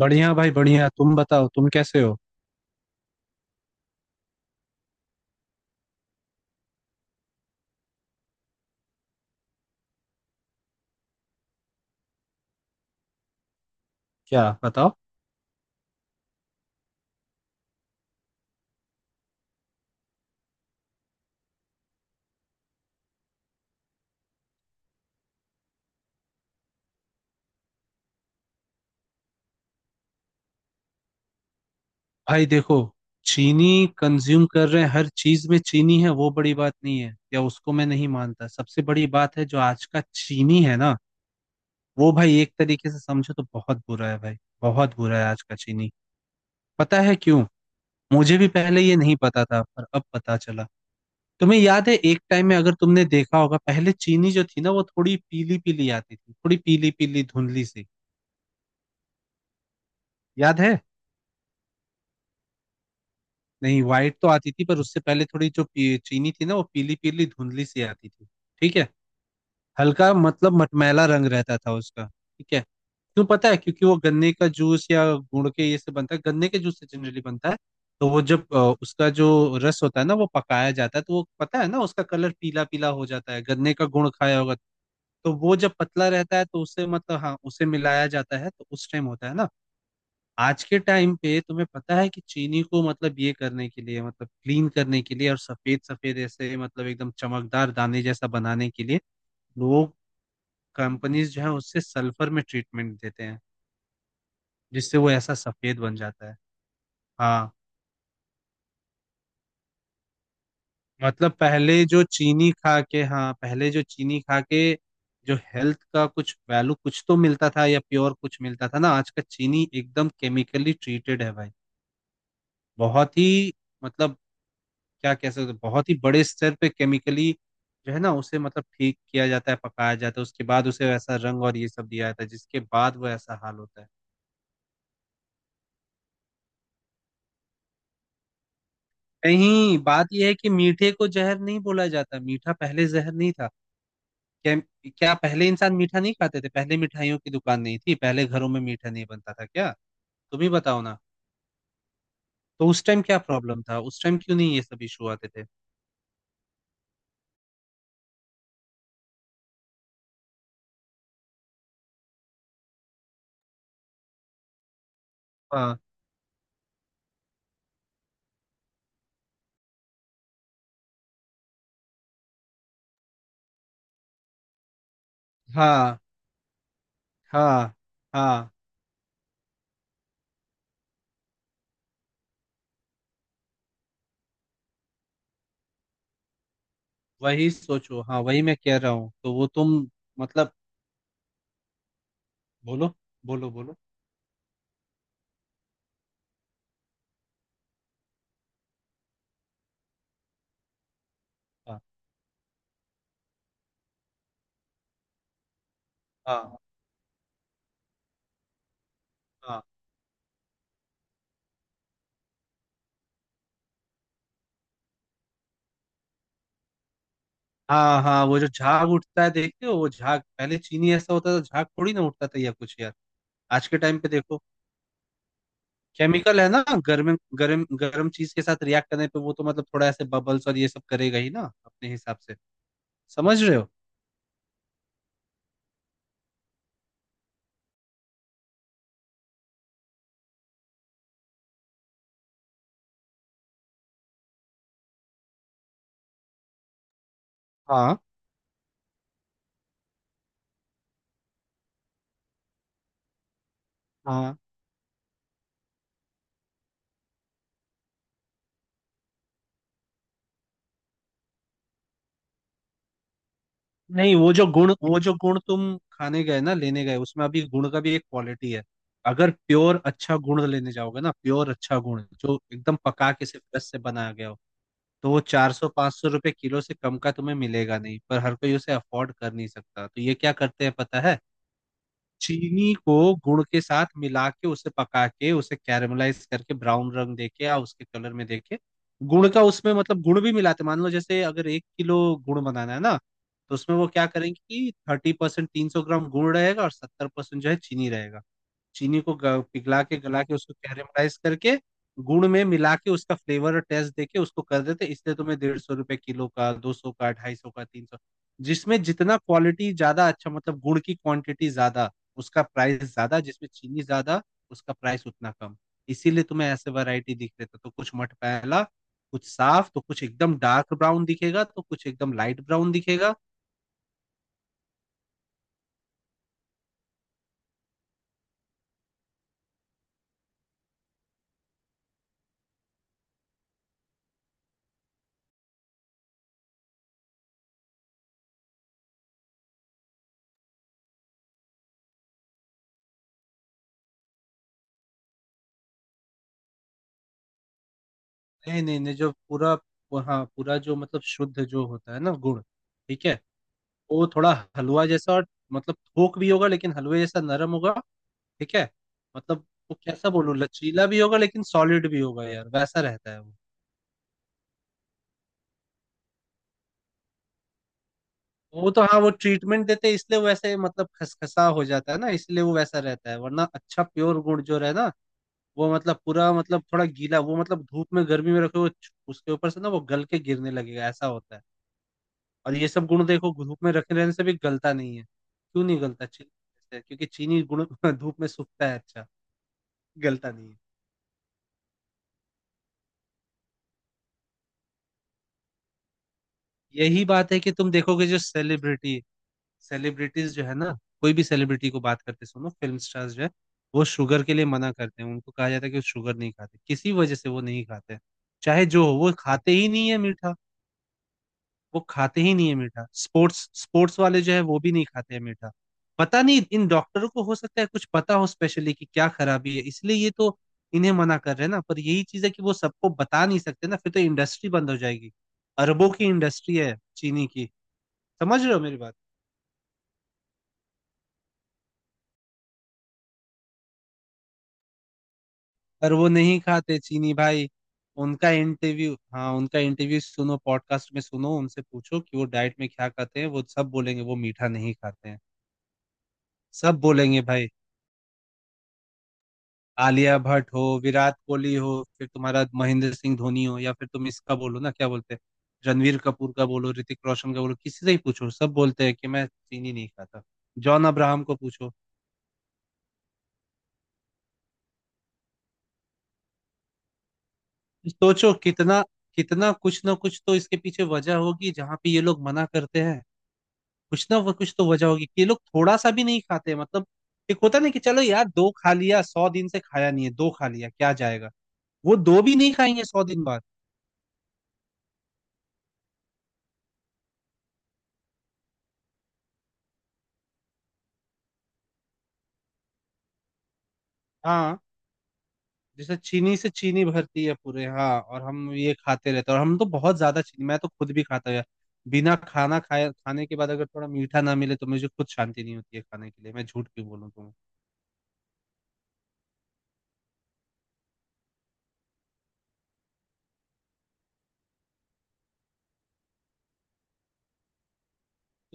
बढ़िया भाई, बढ़िया। तुम बताओ, तुम कैसे हो? क्या बताओ। भाई देखो, चीनी कंज्यूम कर रहे हैं, हर चीज में चीनी है, वो बड़ी बात नहीं है, या उसको मैं नहीं मानता। सबसे बड़ी बात है जो आज का चीनी है ना, वो भाई एक तरीके से समझो तो बहुत बुरा है। भाई बहुत बुरा है आज का चीनी। पता है क्यों? मुझे भी पहले ये नहीं पता था पर अब पता चला। तुम्हें याद है, एक टाइम में अगर तुमने देखा होगा, पहले चीनी जो थी ना, वो थोड़ी पीली पीली आती थी, थोड़ी पीली पीली धुंधली सी। याद है? नहीं, व्हाइट तो आती थी पर उससे पहले थोड़ी जो चीनी थी ना, वो पीली पीली धुंधली सी आती थी। ठीक है? हल्का मतलब मटमैला रंग रहता था उसका। ठीक है? क्यों पता है? क्योंकि वो गन्ने का जूस या गुड़ के ये से बनता है, गन्ने के जूस से जनरली बनता है। तो वो जब उसका जो रस होता है ना, वो पकाया जाता है, तो वो पता है ना, उसका कलर पीला पीला हो जाता है। गन्ने का गुण खाया होगा। तो वो जब पतला रहता है तो उससे मतलब हाँ उसे मिलाया जाता है, तो उस टाइम होता है ना। आज के टाइम पे तुम्हें पता है कि चीनी को मतलब ये करने के लिए, मतलब क्लीन करने के लिए और सफेद सफेद ऐसे मतलब एकदम चमकदार दाने जैसा बनाने के लिए, लोग, कंपनीज जो है, उससे सल्फर में ट्रीटमेंट देते हैं, जिससे वो ऐसा सफेद बन जाता है। हाँ। मतलब पहले जो चीनी खा के, हाँ, पहले जो चीनी खा के जो हेल्थ का कुछ वैल्यू, कुछ तो मिलता था, या प्योर कुछ मिलता था ना, आज का चीनी एकदम केमिकली ट्रीटेड है भाई। बहुत ही, मतलब क्या कह सकते हैं, बहुत ही बड़े स्तर पे केमिकली जो है ना उसे मतलब ठीक किया जाता है, पकाया जाता है, उसके बाद उसे वैसा रंग और ये सब दिया जाता है, जिसके बाद वो ऐसा हाल होता है। नहीं, बात यह है कि मीठे को जहर नहीं बोला जाता। मीठा पहले जहर नहीं था। क्या? क्या पहले इंसान मीठा नहीं खाते थे? पहले मिठाइयों की दुकान नहीं थी? पहले घरों में मीठा नहीं बनता था क्या? तुम ही बताओ ना। तो उस टाइम क्या प्रॉब्लम था? उस टाइम क्यों नहीं ये सब इशू आते थे? हाँ, हाँ, हाँ, हाँ। वही सोचो, हाँ, वही मैं कह रहा हूँ, तो वो तुम मतलब, बोलो। बोलो बोलो। हाँ, हाँ, हाँ, हाँ, हाँ। वो जो झाग उठता है, देखते हो, वो झाग पहले चीनी ऐसा होता था? झाग थोड़ी ना उठता था या कुछ यार। आज के टाइम पे देखो, केमिकल है ना, गर्म गर्म गर्म चीज के साथ रिएक्ट करने पे वो तो मतलब थोड़ा ऐसे बबल्स और ये सब करेगा ही ना अपने हिसाब से। समझ रहे हो? हाँ, हाँ। नहीं, वो जो गुण, वो जो गुण तुम खाने गए ना, लेने गए, उसमें अभी गुण का भी एक क्वालिटी है। अगर प्योर अच्छा गुण लेने जाओगे ना, प्योर अच्छा गुण जो एकदम पका के सिर्फ रस से बनाया गया हो, तो वो 400 500 रुपये किलो से कम का तुम्हें मिलेगा नहीं। पर हर कोई उसे अफोर्ड कर नहीं सकता, तो ये क्या करते हैं पता है? चीनी को गुड़ के साथ मिला के, उसे पका के, उसे कैरमलाइज करके ब्राउन रंग देके या उसके कलर में देके, गुड़ का उसमें मतलब गुड़ भी मिलाते। मान लो जैसे अगर 1 किलो गुड़ बनाना है ना, तो उसमें वो क्या करेंगे कि 30%, 300 ग्राम गुड़ रहेगा और 70% जो है चीनी रहेगा। चीनी को पिघला के, गला के, उसको कैरेमलाइज करके गुड़ में मिला के उसका फ्लेवर और टेस्ट देके उसको कर देते। इसलिए तुम्हें 150 रुपए किलो का, 200 का, 250 का, 300, जिसमें जितना क्वालिटी ज्यादा अच्छा, मतलब गुड़ की क्वांटिटी ज्यादा, उसका प्राइस ज्यादा; जिसमें चीनी ज्यादा, उसका प्राइस उतना कम। इसीलिए तुम्हें ऐसे वैरायटी दिख रहे थे, तो कुछ मटमैला, कुछ साफ तो कुछ एकदम डार्क ब्राउन दिखेगा तो कुछ एकदम लाइट ब्राउन दिखेगा। नहीं नहीं नहीं, जो पूरा, हाँ, पूरा जो मतलब शुद्ध जो होता है ना गुड़, ठीक है, वो थोड़ा हलवा जैसा, और मतलब थोक भी होगा लेकिन हलवे जैसा नरम होगा। ठीक है? मतलब वो कैसा बोलूं, लचीला भी होगा लेकिन सॉलिड भी होगा यार, वैसा रहता है वो। वो तो हाँ, वो ट्रीटमेंट देते हैं, इसलिए वो ऐसे मतलब खसखसा हो जाता है ना, इसलिए वो वैसा रहता है, वरना अच्छा प्योर गुड़ जो रहे ना, वो मतलब पूरा मतलब थोड़ा गीला, वो मतलब धूप में गर्मी में रखे वो उसके ऊपर से ना वो गल के गिरने लगेगा, ऐसा होता है। और ये सब गुण देखो, धूप में रखे रहने से भी गलता नहीं है। क्यों नहीं गलता चीनी से? क्योंकि चीनी गुण धूप में सूखता है अच्छा, गलता नहीं है। यही बात है कि तुम देखोगे जो सेलिब्रिटी, सेलिब्रिटीज जो है ना, कोई भी सेलिब्रिटी को बात करते सुनो, फिल्म स्टार्स जो है, वो शुगर के लिए मना करते हैं। उनको कहा जाता है कि वो शुगर नहीं खाते, किसी वजह से वो नहीं खाते। चाहे जो हो वो खाते ही नहीं है मीठा, वो खाते ही नहीं है मीठा। स्पोर्ट्स, स्पोर्ट्स वाले जो है वो भी नहीं खाते हैं मीठा। पता नहीं, इन डॉक्टरों को हो सकता है कुछ पता हो स्पेशली कि क्या खराबी है, इसलिए ये तो इन्हें मना कर रहे हैं ना, पर यही चीज है कि वो सबको बता नहीं सकते ना, फिर तो इंडस्ट्री बंद हो जाएगी। अरबों की इंडस्ट्री है चीनी की। समझ रहे हो मेरी बात? पर वो नहीं खाते चीनी भाई। उनका इंटरव्यू, हाँ, उनका इंटरव्यू सुनो, पॉडकास्ट में सुनो, उनसे पूछो कि वो डाइट में क्या खाते हैं, वो सब बोलेंगे वो मीठा नहीं खाते हैं। सब बोलेंगे भाई। आलिया भट्ट हो, विराट कोहली हो, फिर तुम्हारा महेंद्र सिंह धोनी हो, या फिर तुम इसका बोलो ना क्या बोलते हैं, रणवीर कपूर का बोलो, ऋतिक रोशन का बोलो, किसी से ही पूछो, सब बोलते हैं कि मैं चीनी नहीं खाता। जॉन अब्राहम को पूछो। सोचो कितना, कितना कुछ ना कुछ तो इसके पीछे वजह होगी जहाँ पे ये लोग मना करते हैं। कुछ ना कुछ तो वजह होगी कि ये लोग थोड़ा सा भी नहीं खाते मतलब। एक होता नहीं कि चलो यार दो खा लिया, 100 दिन से खाया नहीं है, दो खा लिया क्या जाएगा। वो दो भी नहीं खाएंगे 100 दिन बाद। हाँ, जैसे चीनी से चीनी भरती है पूरे, हाँ, और हम ये खाते रहते हैं, और हम तो बहुत ज्यादा चीनी, मैं तो खुद भी खाता हूँ यार। बिना खाना खाए, खाने के बाद अगर थोड़ा मीठा ना मिले तो मुझे खुद शांति नहीं होती है खाने के लिए। मैं झूठ क्यों बोलूँ तुम्हें।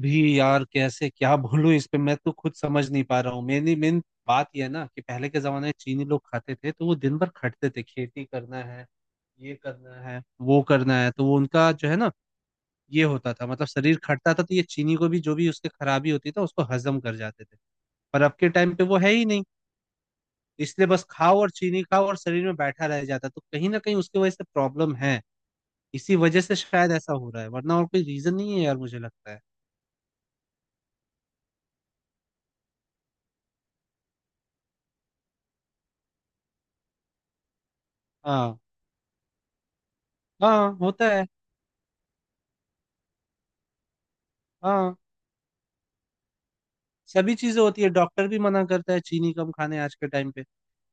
भी यार कैसे क्या बोलूं इस पे, मैं तो खुद समझ नहीं पा रहा हूँ। मेरी मेन बात यह है ना कि पहले के जमाने में चीनी लोग खाते थे तो वो दिन भर खटते थे, खेती करना है, ये करना है, वो करना है, तो वो उनका जो है ना ये होता था, मतलब शरीर खटता था, तो ये चीनी को भी जो भी उसके खराबी होती था उसको हजम कर जाते थे। पर अब के टाइम पे वो है ही नहीं, इसलिए बस खाओ और चीनी खाओ और शरीर में बैठा रह जाता, तो कहीं ना कहीं उसकी वजह से प्रॉब्लम है। इसी वजह से शायद ऐसा हो रहा है, वरना और कोई रीजन नहीं है यार, मुझे लगता है। हाँ, हाँ होता है। हाँ। सभी चीजें होती है, डॉक्टर भी मना करता है चीनी कम खाने आज के टाइम पे।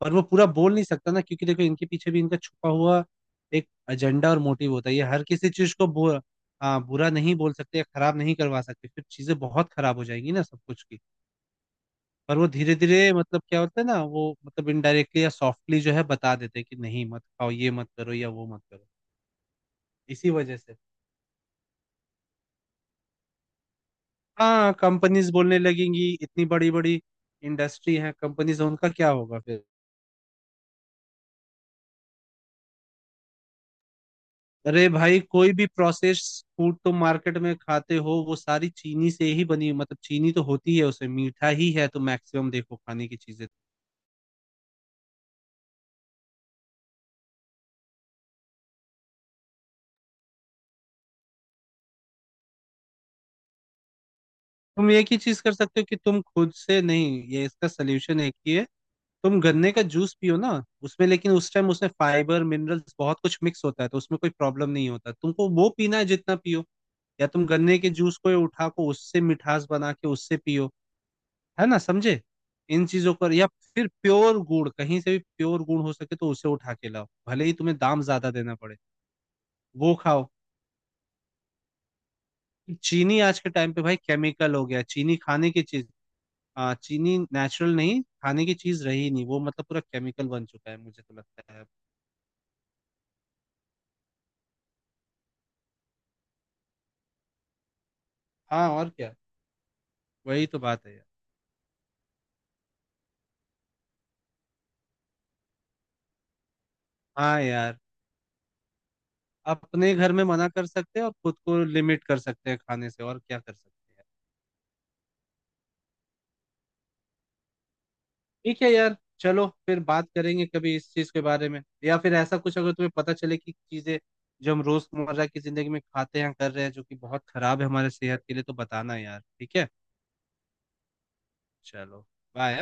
पर वो पूरा बोल नहीं सकता ना, क्योंकि देखो इनके पीछे भी इनका छुपा हुआ एक एजेंडा और मोटिव होता है, ये हर किसी चीज को बुरा, हाँ, बुरा नहीं बोल सकते या खराब नहीं करवा सकते, फिर चीजें बहुत खराब हो जाएंगी ना सब कुछ की। पर वो धीरे धीरे मतलब क्या होता है ना, वो मतलब इनडायरेक्टली या सॉफ्टली जो है बता देते हैं कि नहीं, मत खाओ ये, मत करो या वो मत करो। इसी वजह से, हाँ, कंपनीज बोलने लगेंगी, इतनी बड़ी बड़ी इंडस्ट्री है, कंपनीज, उनका क्या होगा फिर। अरे भाई, कोई भी प्रोसेस्ड फूड तुम मार्केट में खाते हो, वो सारी चीनी से ही बनी, मतलब चीनी तो होती है उसमें, मीठा ही है तो मैक्सिमम, देखो खाने की चीजें। तुम एक ही चीज कर सकते हो कि तुम खुद से, नहीं, ये इसका सलूशन एक ही है, तुम गन्ने का जूस पियो ना, उसमें लेकिन उस टाइम उसमें फाइबर मिनरल्स बहुत कुछ मिक्स होता है, तो उसमें कोई प्रॉब्लम नहीं होता तुमको, वो पीना है जितना पियो, या तुम गन्ने के जूस को उठा को उससे मिठास बना के उससे पियो। है ना, समझे? इन चीजों पर, या फिर प्योर गुड़, कहीं से भी प्योर गुड़ हो सके तो उसे उठा के लाओ भले ही तुम्हें दाम ज्यादा देना पड़े, वो खाओ। चीनी आज के टाइम पे भाई केमिकल हो गया, चीनी खाने की चीज, चीनी नेचुरल नहीं खाने की चीज रही नहीं, वो मतलब पूरा केमिकल बन चुका है मुझे तो लगता है अब। हाँ, और क्या, वही तो बात है यार। हाँ यार, अपने घर में मना कर सकते हैं और खुद को लिमिट कर सकते हैं खाने से, और क्या कर सकते हैं। ठीक है यार। चलो, फिर बात करेंगे कभी इस चीज के बारे में, या फिर ऐसा कुछ अगर तुम्हें पता चले कि चीजें जो हम रोजमर्रा की जिंदगी में खाते हैं, कर रहे हैं, जो कि बहुत खराब है हमारे सेहत के लिए, तो बताना यार। ठीक है? चलो, बाय।